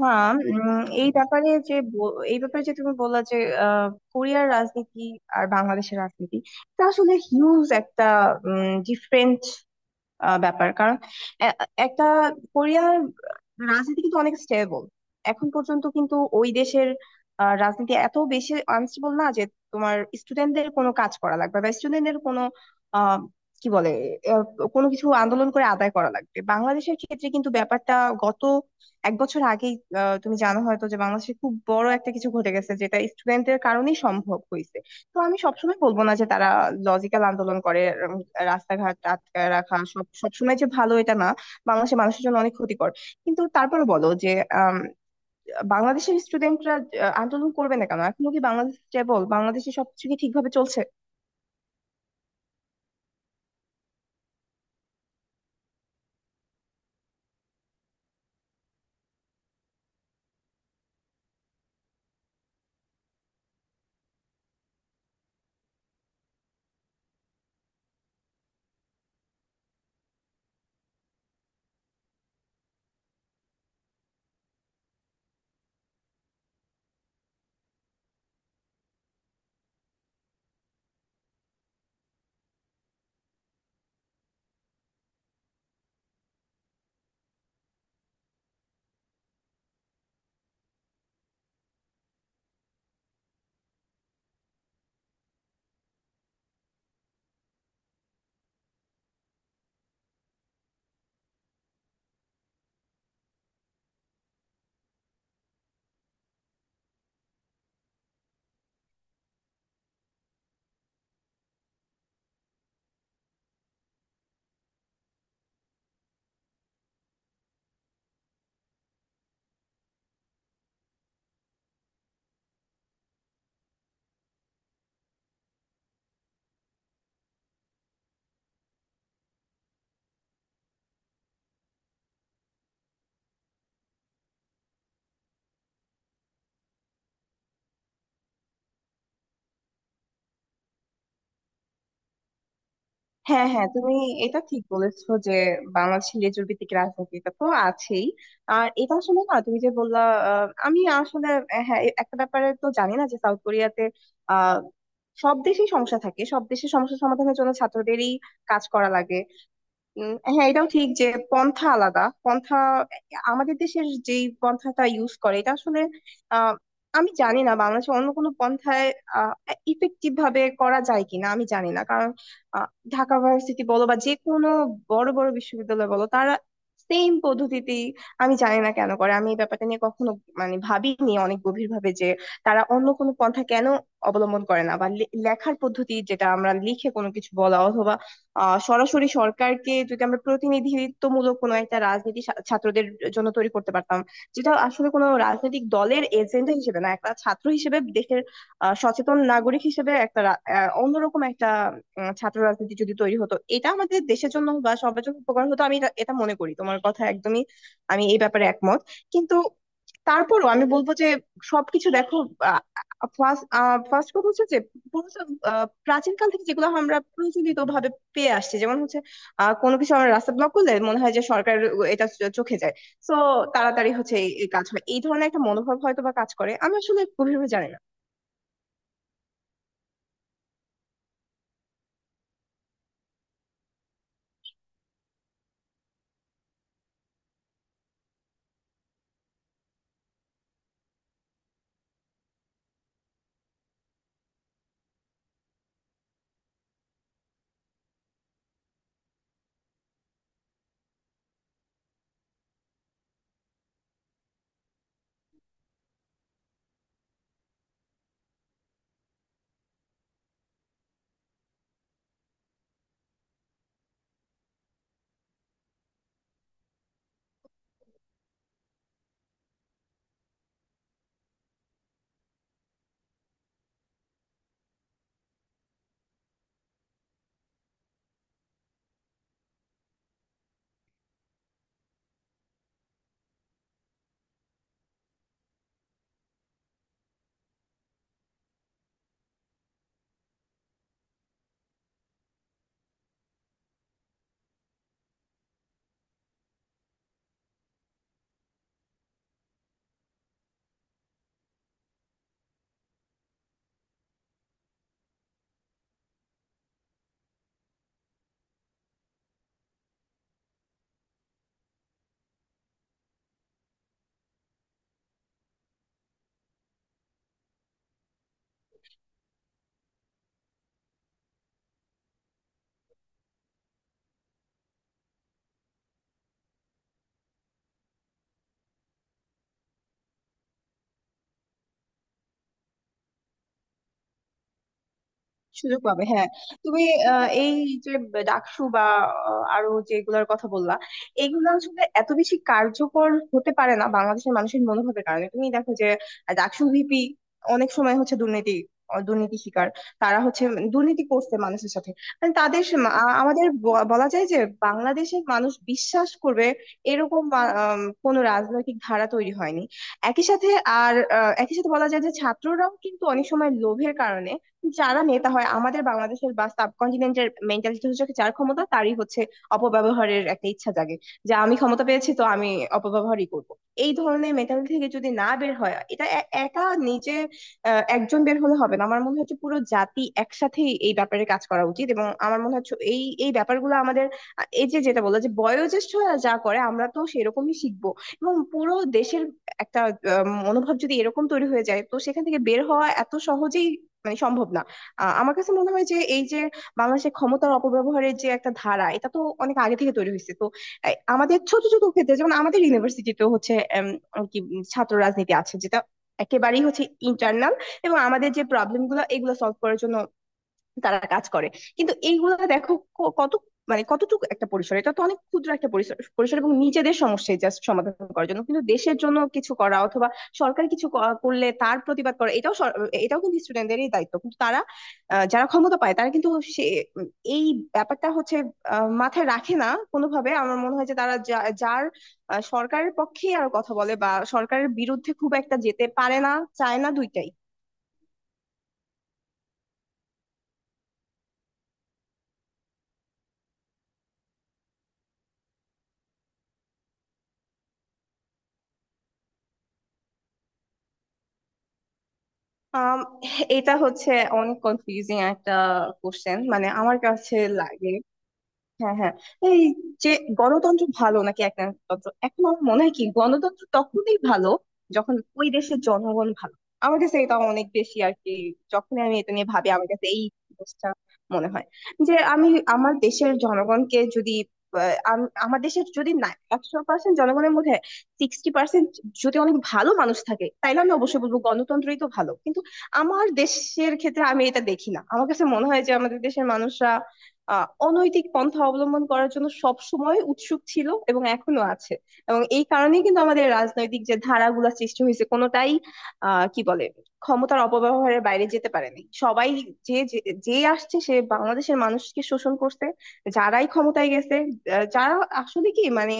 হ্যাঁ এই ব্যাপারে যে এই ব্যাপারে যে তুমি বললা যে আহ, কোরিয়ার রাজনীতি আর বাংলাদেশের রাজনীতি এটা আসলে হিউজ একটা ডিফারেন্ট ব্যাপার। কারণ এ- একটা কোরিয়ার রাজনীতি কিন্তু অনেক স্টেবল এখন পর্যন্ত। কিন্তু ওই দেশের রাজনীতি এত বেশি আনস্টেবল না যে তোমার স্টুডেন্টদের কোনো কাজ করা লাগবে, বা স্টুডেন্টদের কোনো আহ, কি বলে আহ, কোনো কিছু আন্দোলন করে আদায় করা লাগবে। বাংলাদেশের ক্ষেত্রে কিন্তু ব্যাপারটা গত এক বছর আগেই তুমি জানো হয়তো যে বাংলাদেশে খুব বড় একটা কিছু ঘটে গেছে যেটা স্টুডেন্টদের কারণেই সম্ভব হয়েছে। তো আমি সবসময় বলবো না যে তারা লজিক্যাল আন্দোলন করে। উম, রাস্তাঘাট আটকায় রাখা সবসময় যে ভালো, এটা না। বাংলাদেশের মানুষের জন্য অনেক ক্ষতিকর। কিন্তু তারপরে বলো যে আম, বাংলাদেশের স্টুডেন্টরা আন্দোলন করবে না কেন? এখনো কি বাংলাদেশ স্টেবল? বাংলাদেশে সবকিছু কি ঠিকভাবে চলছে? হ্যাঁ হ্যাঁ, তুমি এটা ঠিক বলেছো যে বাংলাদেশে লেজুর ভিত্তিক রাজনীতি এটা তো আছেই। আর এটা আসলে না, তুমি যে বললা, আমি আসলে হ্যাঁ একটা ব্যাপারে তো জানি না যে সাউথ কোরিয়াতে আহ সব দেশেই সমস্যা থাকে, সব দেশে সমস্যা সমাধানের জন্য ছাত্রদেরই কাজ করা লাগে। হ্যাঁ এটাও ঠিক যে পন্থা আলাদা। পন্থা আমাদের দেশের যেই পন্থাটা ইউজ করে, এটা আসলে আহ, আমি জানি না বাংলাদেশে অন্য কোনো পন্থায় ইফেক্টিভ ভাবে করা যায় কিনা। আমি জানি না কারণ আহ, ঢাকা ভার্সিটি বলো বা যে কোনো বড় বড় বিশ্ববিদ্যালয় বলো, তারা সেম পদ্ধতিতেই। আমি জানি না কেন করে, আমি এই ব্যাপারটা নিয়ে কখনো মানে ভাবিনি অনেক গভীর ভাবে যে তারা অন্য কোনো পন্থা কেন অবলম্বন করে না। বা লেখার পদ্ধতি, যেটা আমরা লিখে কোনো কিছু বলা, অথবা সরাসরি সরকারকে। যদি আমরা প্রতিনিধিত্বমূলক কোনো একটা রাজনীতি ছাত্রদের জন্য তৈরি করতে পারতাম, যেটা আসলে কোনো রাজনৈতিক দলের এজেন্ডা হিসেবে না, একটা ছাত্র হিসেবে দেশের সচেতন নাগরিক হিসেবে একটা অন্যরকম একটা ছাত্র রাজনীতি যদি তৈরি হতো, এটা আমাদের দেশের জন্য বা সবার জন্য উপকার হতো। আমি এটা এটা মনে করি, তোমার কথা একদমই আমি এই ব্যাপারে একমত। কিন্তু তারপরও আমি বলবো যে সবকিছু দেখো। ফার্স্ট, কথা হচ্ছে যে পুরো সব, প্রাচীনকাল থেকে যেগুলো আমরা প্রচলিত ভাবে পেয়ে আসছি, যেমন হচ্ছে কোনো কিছু আমরা রাস্তা ব্লক করলে মনে হয় যে সরকার এটা চোখে যায়। তো তাড়াতাড়ি হচ্ছে এই এই কাজ হয়। এই ধরনের একটা মনোভাব হয়তো বা কাজ করে, আমি আসলে গভীরভাবে জানি না। সুযোগ পাবে, হ্যাঁ। তুমি এই যে ডাকসু বা আরো যেগুলোর কথা বললা, এগুলো আসলে এত বেশি কার্যকর হতে পারে না বাংলাদেশের মানুষের মনোভাবের কারণে। তুমি দেখো যে ডাকসু ভিপি অনেক সময় হচ্ছে দুর্নীতি, শিকার। তারা হচ্ছে দুর্নীতি করছে মানুষের সাথে। মানে তাদের আমাদের বলা যায় যে বাংলাদেশের মানুষ বিশ্বাস করবে এরকম কোনো রাজনৈতিক ধারা তৈরি হয়নি একই সাথে। আর একই সাথে বলা যায় যে ছাত্ররাও কিন্তু অনেক সময় লোভের কারণে, যারা নেতা হয়, আমাদের বাংলাদেশের বা সাবকন্টিনেন্টের মেন্টালিটি হচ্ছে যার ক্ষমতা তারই হচ্ছে অপব্যবহারের একটা ইচ্ছা জাগে। যে আমি ক্ষমতা পেয়েছি, তো আমি অপব্যবহারই করব। এই ধরনের মেন্টালিটি থেকে যদি না বের হয়, এটা একা নিজে একজন বের হলে হবে না। আমার মনে হচ্ছে পুরো জাতি একসাথেই এই ব্যাপারে কাজ করা উচিত। এবং আমার মনে হচ্ছে এই এই ব্যাপারগুলো আমাদের এই যে যেটা বললো যে বয়োজ্যেষ্ঠরা যা করে আমরা তো সেরকমই শিখবো। এবং পুরো দেশের একটা মনোভাব যদি এরকম তৈরি হয়ে যায়, তো সেখান থেকে বের হওয়া এত সহজেই মানে সম্ভব না। আমার কাছে মনে হয় যে এই যে বাংলাদেশের ক্ষমতার অপব্যবহারের যে একটা ধারা, এটা তো অনেক আগে থেকে তৈরি হয়েছে। তো এই আমাদের ছোট ছোট ক্ষেত্রে, যেমন আমাদের ইউনিভার্সিটিতেও হচ্ছে এম, কি ছাত্র রাজনীতি আছে, যেটা একেবারেই হচ্ছে ইন্টারনাল। এবং আমাদের যে প্রবলেম গুলো, এগুলো সলভ করার জন্য তারা কাজ করে। কিন্তু এইগুলো দেখো কত মানে কতটুকু একটা পরিসর, এটা তো অনেক ক্ষুদ্র একটা পরিসর পরিসর, এবং নিজেদের সমস্যায় জাস্ট সমাধান করার জন্য। কিন্তু দেশের জন্য কিছু করা, অথবা সরকার কিছু করলে তার প্রতিবাদ করা, এটাও কিন্তু স্টুডেন্টদেরই দায়িত্ব। কিন্তু তারা যারা ক্ষমতা পায় তারা কিন্তু সে উম, এই ব্যাপারটা হচ্ছে মাথায় রাখে না কোনোভাবে। আমার মনে হয় যে তারা যার সরকারের পক্ষেই আর কথা বলে, বা সরকারের বিরুদ্ধে খুব একটা যেতে পারে না, চায় না, দুইটাই। আম এটা হচ্ছে অনেক কনফিউজিং একটা কোশ্চেন, মানে আমার কাছে লাগে। হ্যাঁ হ্যাঁ, এই যে গণতন্ত্র ভালো নাকি একনায়কতন্ত্র, এখন আমার মনে হয় কি গণতন্ত্র তখনই ভালো যখন ওই দেশের জনগণ ভালো। আমার কাছে এটা অনেক বেশি, আর কি, যখন আমি এটা নিয়ে ভাবি আমার কাছে এই জিনিসটা মনে হয় যে আমি আমার দেশের জনগণকে যদি আমার দেশের যদি না 100% জনগণের মধ্যে 60% যদি অনেক ভালো মানুষ থাকে, তাইলে আমি অবশ্যই বলবো গণতন্ত্রই তো ভালো। কিন্তু আমার দেশের ক্ষেত্রে আমি এটা দেখি না। আমার কাছে মনে হয় যে আমাদের দেশের মানুষরা অনৈতিক পন্থা অবলম্বন করার জন্য সব সময় উৎসুক ছিল এবং এখনো আছে। এবং এই কারণেই কিন্তু আমাদের রাজনৈতিক যে ধারাগুলা সৃষ্টি হয়েছে কোনোটাই আহ কি বলে ক্ষমতার অপব্যবহারের বাইরে যেতে পারেনি সবাই। যে যে যে আসছে, সে বাংলাদেশের মানুষকে শোষণ করছে। যারাই ক্ষমতায় গেছে যারা আসলে কি মানে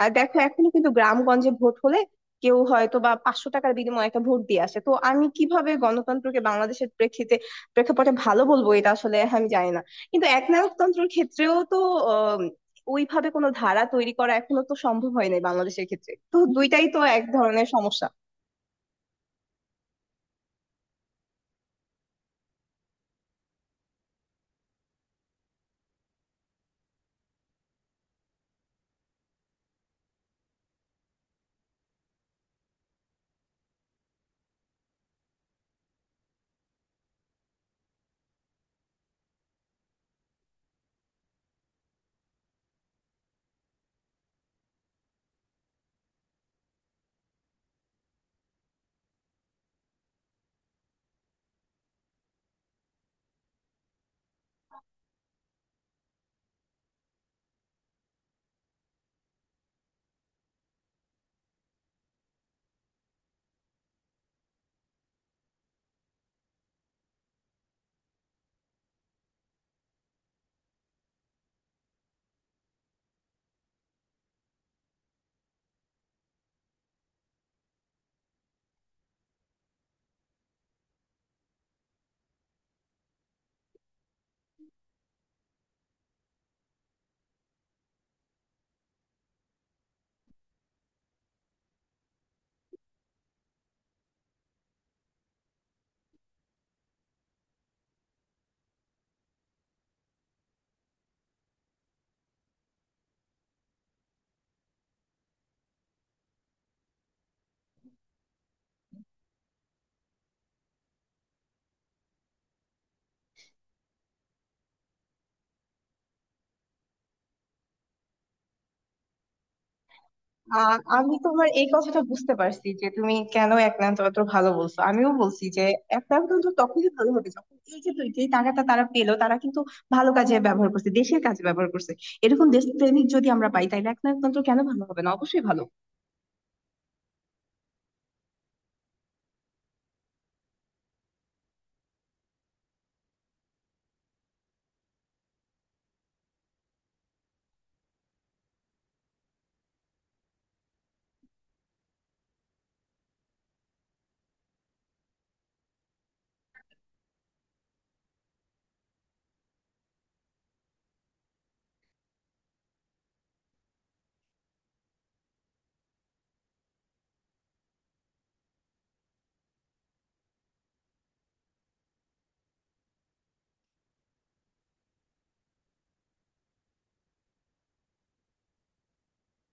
দেখো এখনো কিন্তু গ্রামগঞ্জে ভোট হলে কেউ হয়তো বা 500 টাকার বিনিময়ে একটা ভোট দিয়ে আসে। তো আমি কিভাবে গণতন্ত্রকে বাংলাদেশের প্রেক্ষিতে প্রেক্ষাপটে ভালো বলবো, এটা আসলে আমি জানি না। কিন্তু একনায়কতন্ত্রের ক্ষেত্রেও তো আহ, ওইভাবে কোনো ধারা তৈরি করা এখনো তো সম্ভব হয় নাই বাংলাদেশের ক্ষেত্রে। তো দুইটাই তো এক ধরনের সমস্যা। আমি তোমার এই কথাটা বুঝতে পারছি যে তুমি কেন একনায়কতন্ত্র ভালো বলছো। আমিও বলছি যে একনায়কতন্ত্র তখনই ভালো হবে যখন এই যে যেই টাকাটা তারা পেলো তারা কিন্তু ভালো কাজে ব্যবহার করছে, দেশের কাজে ব্যবহার করছে। এরকম দেশপ্রেমিক যদি আমরা পাই, তাহলে একনায়কতন্ত্র কেন ভালো হবে না, অবশ্যই ভালো।